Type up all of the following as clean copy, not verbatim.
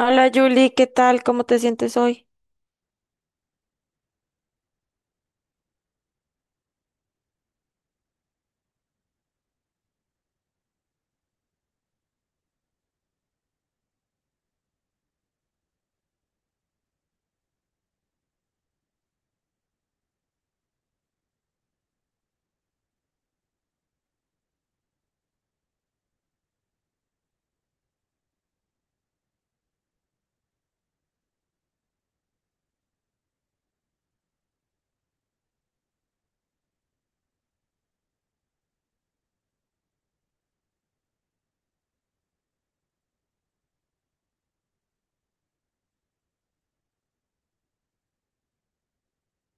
Hola Julie, ¿qué tal? ¿Cómo te sientes hoy?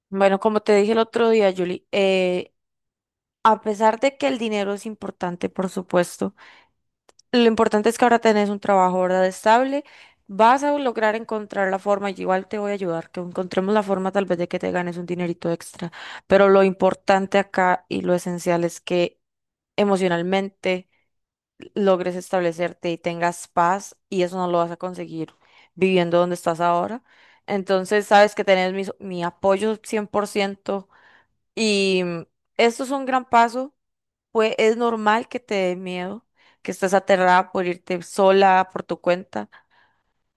Bueno, como te dije el otro día, Julie, a pesar de que el dinero es importante, por supuesto, lo importante es que ahora tenés un trabajo, ¿verdad? Estable, vas a lograr encontrar la forma, yo igual te voy a ayudar, que encontremos la forma tal vez de que te ganes un dinerito extra, pero lo importante acá y lo esencial es que emocionalmente logres establecerte y tengas paz, y eso no lo vas a conseguir viviendo donde estás ahora. Entonces, sabes que tenés mi apoyo 100% y esto es un gran paso, pues es normal que te dé miedo, que estés aterrada por irte sola por tu cuenta,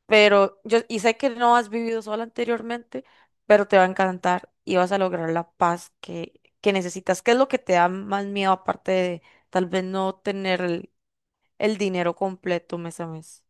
pero yo sé que no has vivido sola anteriormente, pero te va a encantar y vas a lograr la paz que necesitas. ¿Qué es lo que te da más miedo aparte de tal vez no tener el dinero completo mes a mes?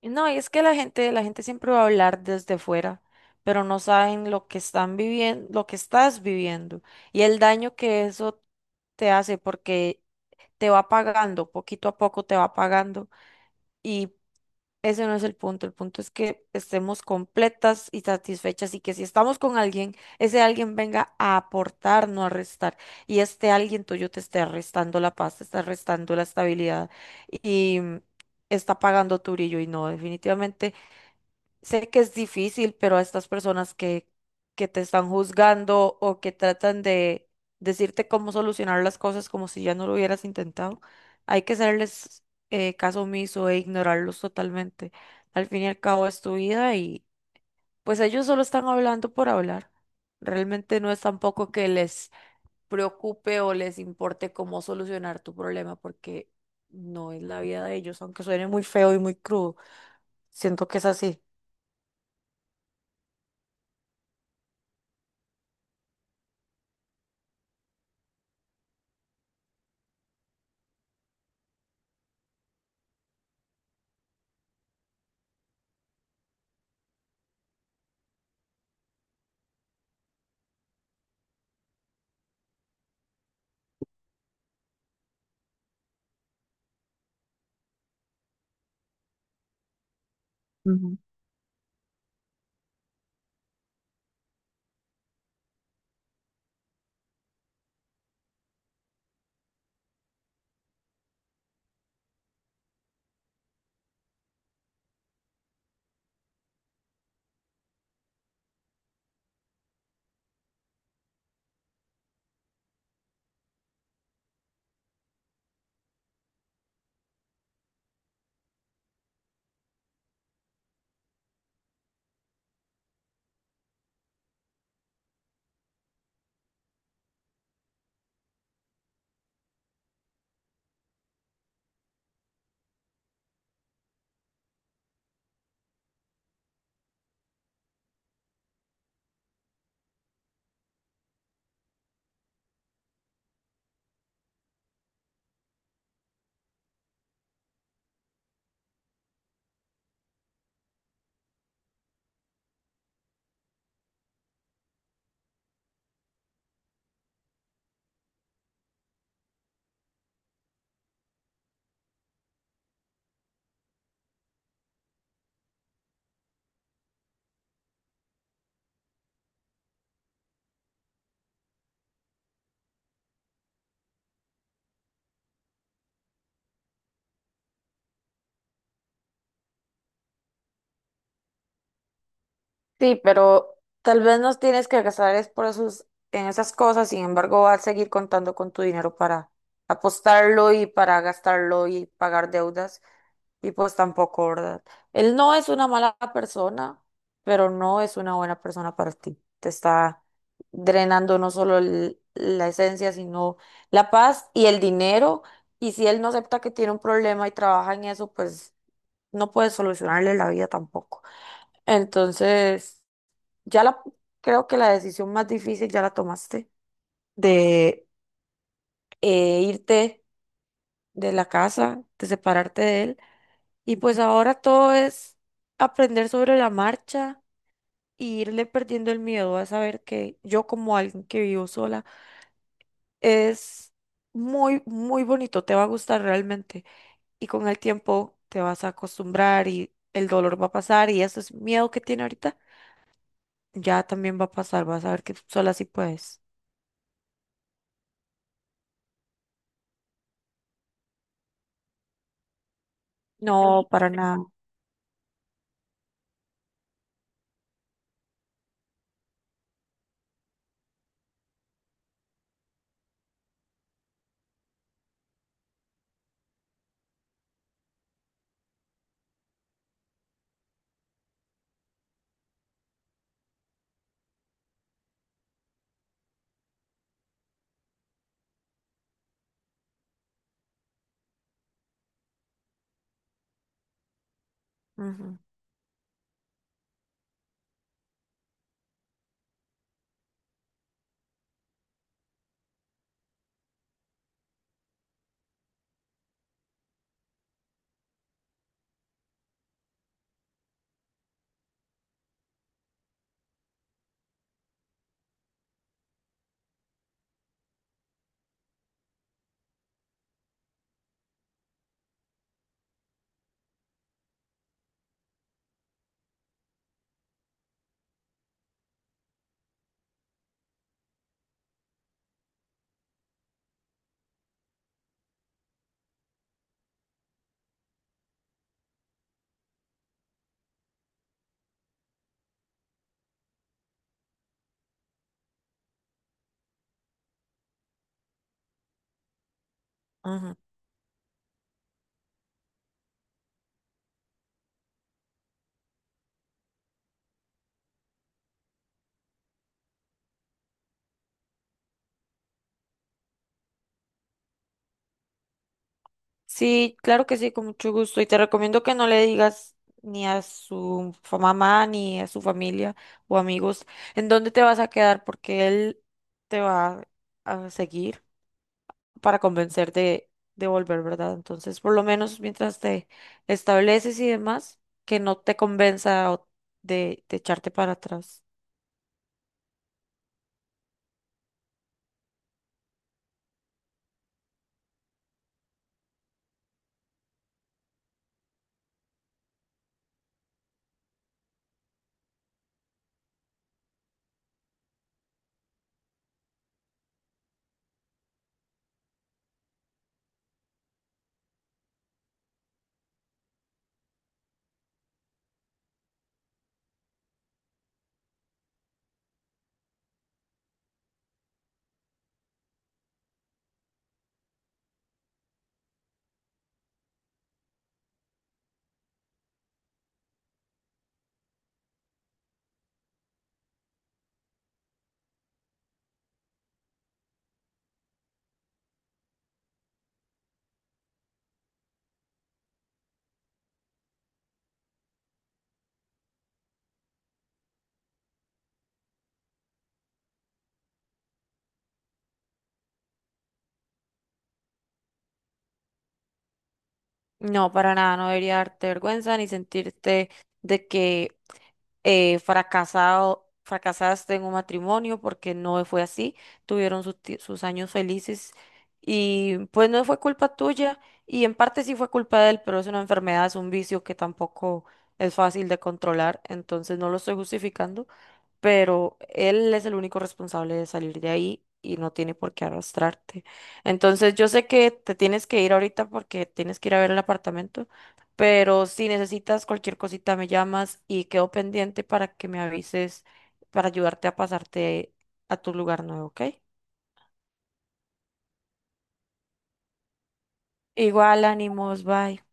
Y no, y es que la gente siempre va a hablar desde fuera, pero no saben lo que están viviendo, lo que estás viviendo y el daño que eso te hace porque te va pagando, poquito a poco te va pagando. y Ese no es el punto es que estemos completas y satisfechas y que si estamos con alguien, ese alguien venga a aportar, no a restar. Y este alguien tuyo te esté restando la paz, te está restando la estabilidad y está pagando tu brillo. Y no, definitivamente. Sé que es difícil, pero a estas personas que te están juzgando o que tratan de decirte cómo solucionar las cosas como si ya no lo hubieras intentado, hay que hacerles caso omiso e ignorarlos totalmente. Al fin y al cabo es tu vida y pues ellos solo están hablando por hablar. Realmente no es tampoco que les preocupe o les importe cómo solucionar tu problema porque no es la vida de ellos, aunque suene muy feo y muy crudo. Siento que es así. Sí, pero tal vez no tienes que gastar es por esos, en esas cosas, sin embargo, vas a seguir contando con tu dinero para apostarlo y para gastarlo y pagar deudas, y pues tampoco, ¿verdad? Él no es una mala persona, pero no es una buena persona para ti. Te está drenando no solo la esencia, sino la paz y el dinero, y si él no acepta que tiene un problema y trabaja en eso, pues no puedes solucionarle la vida tampoco. Entonces… Ya la, creo que la decisión más difícil ya la tomaste, de irte de la casa, de separarte de él. Y pues ahora todo es aprender sobre la marcha e irle perdiendo el miedo a saber que yo como alguien que vivo sola es muy, muy bonito, te va a gustar realmente. Y con el tiempo te vas a acostumbrar y el dolor va a pasar y ese miedo que tiene ahorita ya también va a pasar, vas a ver que sola sí puedes. No, para nada. Ujú. Ajá. Sí, claro que sí, con mucho gusto. Y te recomiendo que no le digas ni a su mamá, ni a su familia o amigos en dónde te vas a quedar, porque él te va a seguir para convencerte de volver, ¿verdad? Entonces, por lo menos mientras te estableces y demás, que no te convenza o de echarte para atrás. No, para nada, no debería darte vergüenza ni sentirte de que fracasaste en un matrimonio porque no fue así, tuvieron sus, sus años felices y pues no fue culpa tuya y en parte sí fue culpa de él, pero es una enfermedad, es un vicio que tampoco es fácil de controlar, entonces no lo estoy justificando, pero él es el único responsable de salir de ahí y no tiene por qué arrastrarte. Entonces, yo sé que te tienes que ir ahorita porque tienes que ir a ver el apartamento, pero si necesitas cualquier cosita me llamas y quedo pendiente para que me avises para ayudarte a pasarte a tu lugar nuevo, ¿ok? Igual, ánimos, bye.